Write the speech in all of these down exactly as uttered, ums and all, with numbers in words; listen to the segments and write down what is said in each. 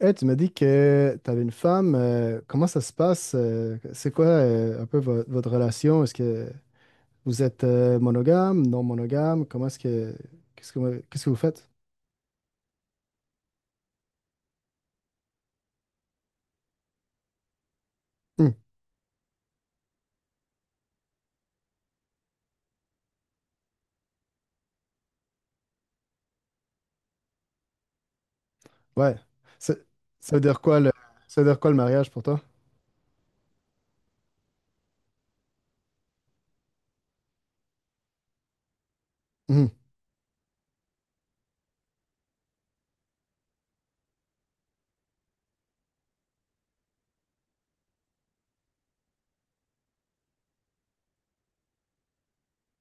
Eh, tu m'as dit que tu avais une femme. Euh, comment ça se passe? Euh, c'est quoi euh, un peu vo- votre relation? Est-ce que vous êtes euh, monogame, non monogame? Comment est-ce que qu'est-ce que qu'est-ce que vous faites? Hmm, ouais. Ça, ça veut dire quoi le ça veut dire quoi le mariage pour toi? Hmm,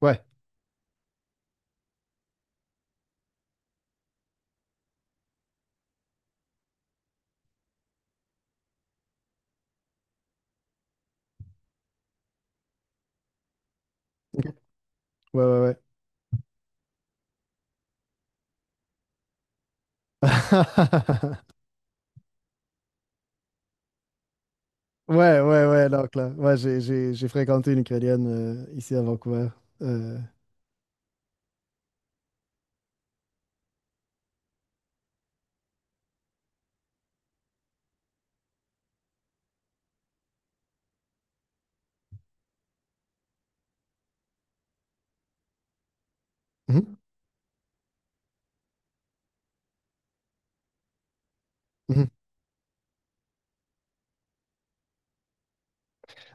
ouais. Ouais, ouais, ouais. Ouais, ouais, ouais, donc là. Ouais, j'ai j'ai- j'ai fréquenté une Ukrainienne euh, ici à Vancouver. Euh, mhm, mhm.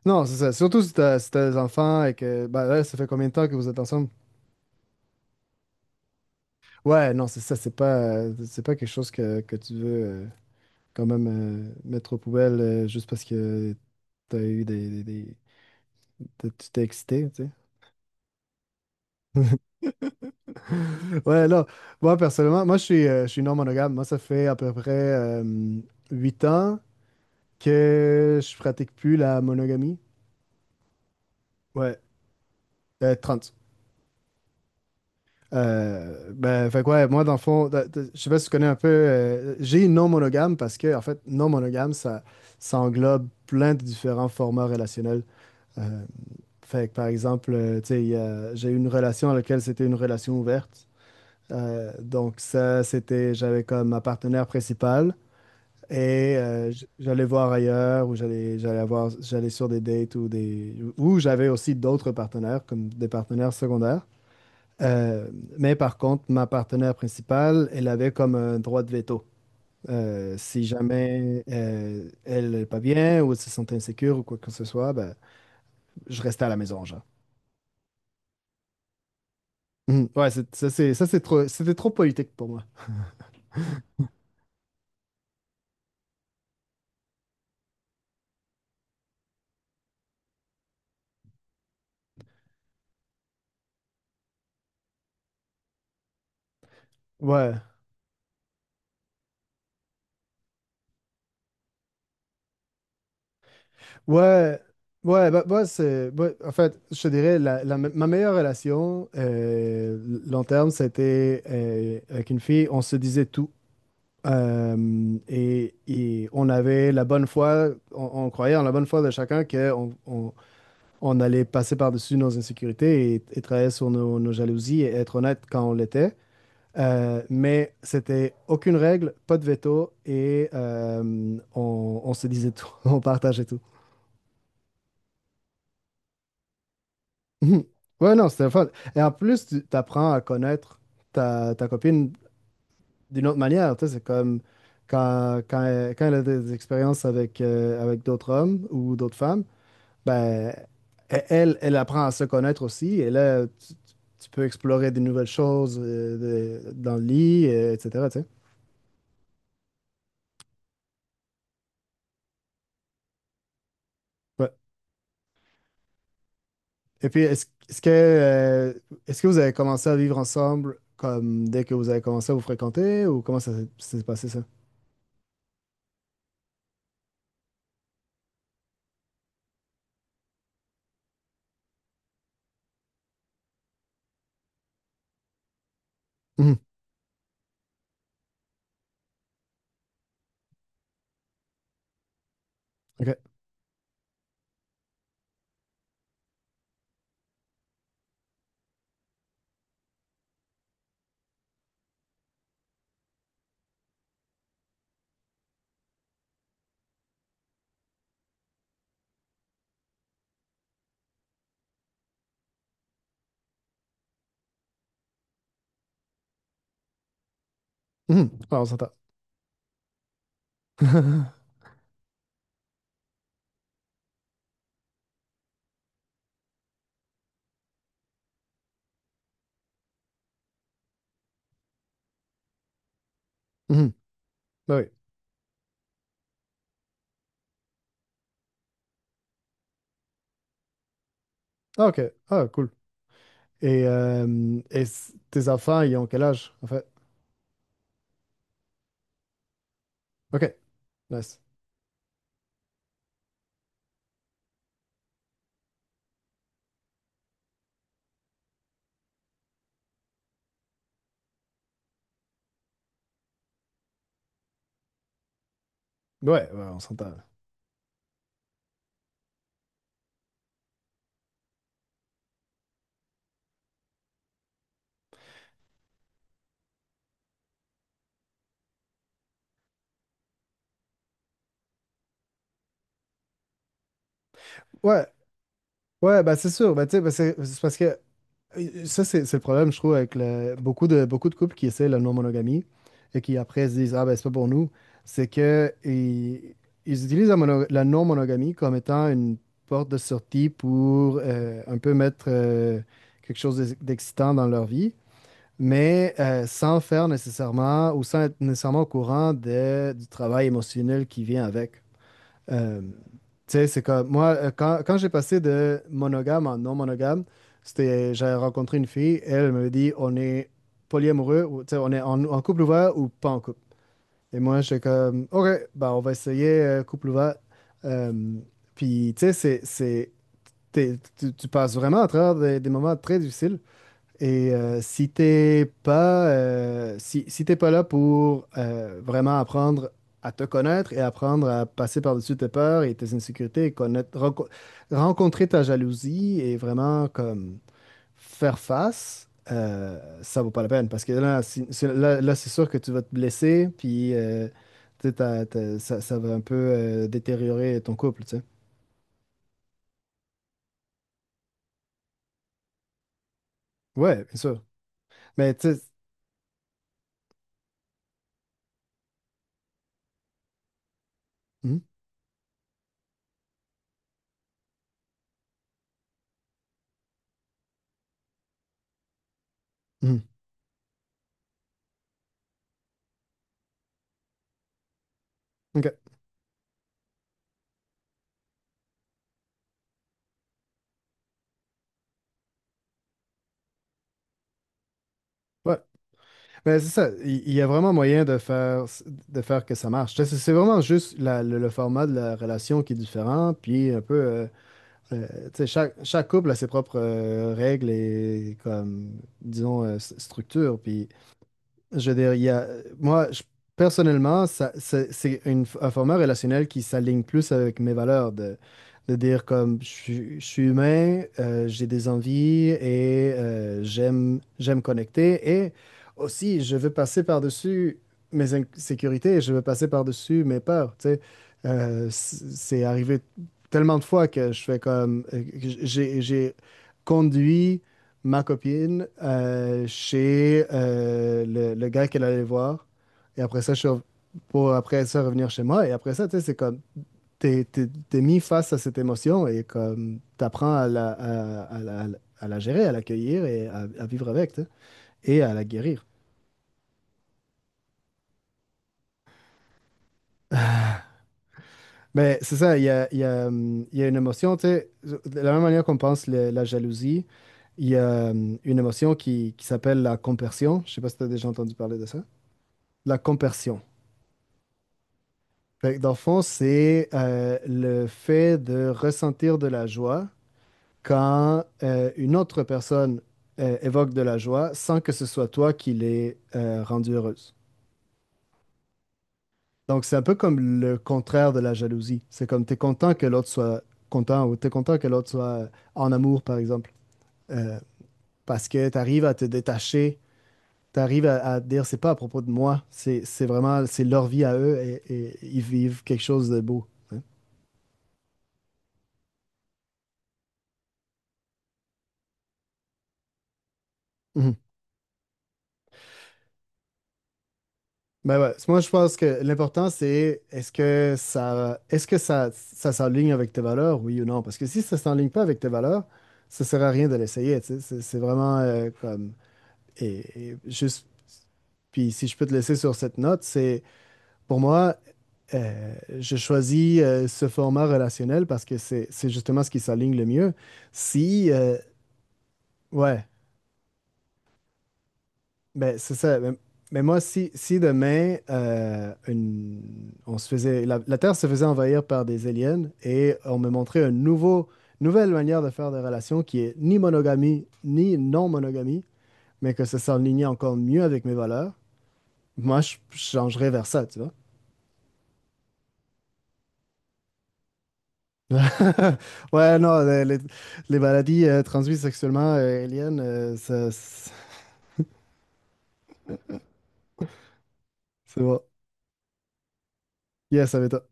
Non, c'est ça. Surtout si t'as si t'as des enfants et que ben là, ça fait combien de temps que vous êtes ensemble? Ouais, non, c'est ça, c'est pas, euh, c'est pas quelque chose que, que tu veux euh, quand même euh, mettre aux poubelles euh, juste parce que t'as eu des, des- des- t'as- tu t'es excité, tu sais. Ouais, là, moi, personnellement, moi, je suis, euh, je suis non monogame. Moi, ça fait à peu près euh, 8 ans que je pratique plus la monogamie. Ouais, euh, trente, Euh, ben, fait que ouais, moi, dans le fond, da- da- je sais pas si tu connais un peu, euh, j'ai non monogame parce que, en fait, non monogame, ça, ça englobe plein de différents formats relationnels. Euh, Fait que, par exemple, euh, tu sais, il y a- j'ai eu une relation dans laquelle c'était une relation ouverte. Euh, donc, ça, c'était, j'avais comme ma partenaire principale, et euh, j- j'allais voir ailleurs ou j'allais, j'allais avoir, j'allais sur des dates ou des, ou j'avais aussi d'autres partenaires, comme des partenaires secondaires. Euh, mais par contre, ma partenaire principale, elle avait comme un droit de veto. Euh, si jamais euh, elle n'est pas bien ou elle se sentait insécure ou quoi que ce soit, ben, je restais à la maison, genre. Mhm. Ouais, c'est- ça c'est ça c'est trop c'était trop politique pour moi. Ouais. Ouais. Ouais, bah, bah, c'est ouais, en fait, je te dirais la, la me- ma meilleure relation euh, long terme, c'était euh, avec une fille, on se disait tout. Euh, et, et on avait la bonne foi, on, on croyait en la bonne foi de chacun qu'on on, on- on allait passer par-dessus nos insécurités, et, et travailler sur nos, nos jalousies et être honnête quand on l'était. Euh, mais c'était aucune règle, pas de veto et euh, on, on se disait tout, on partageait tout. Ouais, non, c'était fun. Et en plus, tu apprends à connaître ta, ta copine d'une autre manière. Tu sais, c'est comme quand, quand, elle, quand elle a des expériences avec, euh, avec d'autres hommes ou d'autres femmes, ben, e- elle, elle apprend à se connaître aussi. Et là, tu, tu- tu peux explorer des nouvelles choses euh, de- dans le lit, euh, et cetera, tu sais. Ouais. Et puis, est-ce, est-ce que, euh, est-ce que vous avez commencé à vivre ensemble comme dès que vous avez commencé à vous fréquenter ou comment ça s'est s'est passé ça? Mhm. OK. Mhm. Ouais, on s'entend. Mhm. Ben oui. Ah, OK. Ah, cool. Et, euh, et c- tes enfants, ils ont quel âge, en fait? OK. Nice. Ouais, ouais, on s'entend. Ouais, ouais, bah c'est sûr. Bah, tu sais, bah, c'est c'est parce que euh, ça, c'est c'est le problème, je trouve, avec le- beaucoup de, beaucoup de couples qui essaient la non-monogamie et qui après se disent, ah ben c'est pas pour nous. C'est que ils, ils utilisent la, mono- la non-monogamie comme étant une porte de sortie pour euh, un peu mettre euh, quelque chose d'ex- d'excitant dans leur vie. Mais euh, sans faire nécessairement ou sans être nécessairement au courant de- du travail émotionnel qui vient avec. Euh, tu sais, c'est comme moi, euh, quand, quand j'ai passé de monogame en non monogame, c'était, j'avais rencontré une fille, elle me dit on est polyamoureux, ou, tu sais, on est en, en couple ouvert ou pas en couple. Et moi, j'étais comme, OK, bah, on va essayer euh, couple ouvert. Euh, Puis, tu sais, c'est, c'est, t'es- tu, tu passes vraiment à travers des, des moments très difficiles. Et euh, si t'es pas, euh, si, si t'es pas là pour euh, vraiment apprendre à te connaître et apprendre à passer par-dessus tes peurs et tes insécurités et connaître, renco- rencontrer ta jalousie et vraiment comme faire face, euh, ça vaut pas la peine parce que là, si- c'est, là, là, c'est sûr que tu vas te blesser puis euh, tu sais, t'as- t'as- ça, ça va un peu euh, détériorer ton couple, tu sais. Ouais, bien sûr. Mais tu sais. Mhm. Mhm. Ok. Ouais. Ben, c'est ça, il il y a vraiment moyen de faire, de faire que ça marche. Tu sais, C'est c'est vraiment juste la- le, le format de la relation qui est différent, puis un peu, euh, euh, tu sais, chaque, chaque couple a ses propres euh, règles et comme, disons, euh, s- structures. Puis je veux dire, il y a, moi, je- personnellement, ça, c'est c'est une- un format relationnel qui s'aligne plus avec mes valeurs de, de dire comme je, suis je suis humain, euh, j'ai des envies et euh, j'aime, j'aime connecter et aussi je veux passer par-dessus mes insécurités, je veux passer par-dessus mes peurs, tu sais. Euh, c- c'est arrivé tellement de fois que je fais comme, euh, que j'ai j'ai conduit ma copine euh, chez euh, le, le gars qu'elle allait voir. Et après ça, je suis rev- pour après ça revenir chez moi. Et après ça, tu sais, c'est comme, t'es, t'es- t'es mis face à cette émotion et comme, t'apprends à la, à, à la, à la gérer, à l'accueillir et à, à vivre avec, tu sais, et à la guérir. Mais c'est ça, il y a, il y a, hum, il y a une émotion, tu sais, de la même manière qu'on pense le- la jalousie, il y a hum, une émotion qui, qui s'appelle la compersion. Je sais pas si tu as déjà entendu parler de ça. La compersion. Fait que dans le fond, c'est euh, le fait de ressentir de la joie quand euh, une autre personne euh, évoque de la joie sans que ce soit toi qui l'aies euh, rendue heureuse. Donc, c'est un peu comme le contraire de la jalousie. C'est comme tu es content que l'autre soit content ou tu es content que l'autre soit en amour, par exemple. Euh, Parce que tu arrives à te détacher, tu arrives à, à dire, c'est pas à propos de moi, c'est c'est vraiment, c'est leur vie à eux et, et ils vivent quelque chose de beau, hein. Mhm. Ben ouais, moi je pense que l'important c'est est-ce que ça est-ce que ça ça s'enligne avec tes valeurs, oui ou non? Parce que si ça s'enligne pas avec tes valeurs, ça sert à rien de l'essayer, tu sais. C'est c'est vraiment euh, comme et, et juste puis si je peux te laisser sur cette note, c'est pour moi euh, je choisis euh, ce format relationnel parce que c'est c'est justement ce qui s'aligne le mieux. Si euh, Ouais. Ben, c'est ça. Mais, mais moi, si, si demain, euh, une- on se faisait, la, la Terre se faisait envahir par des aliens et on me montrait une nouveau, nouvelle manière de faire des relations qui est ni monogamie, ni non-monogamie, mais que ça s'enlignait encore mieux avec mes valeurs, moi, je je changerais vers ça, tu vois. Ouais, non, les, les- les maladies euh, transmises sexuellement, euh, aliens, euh, ça- c'est bon. Yes, ça m'étonne.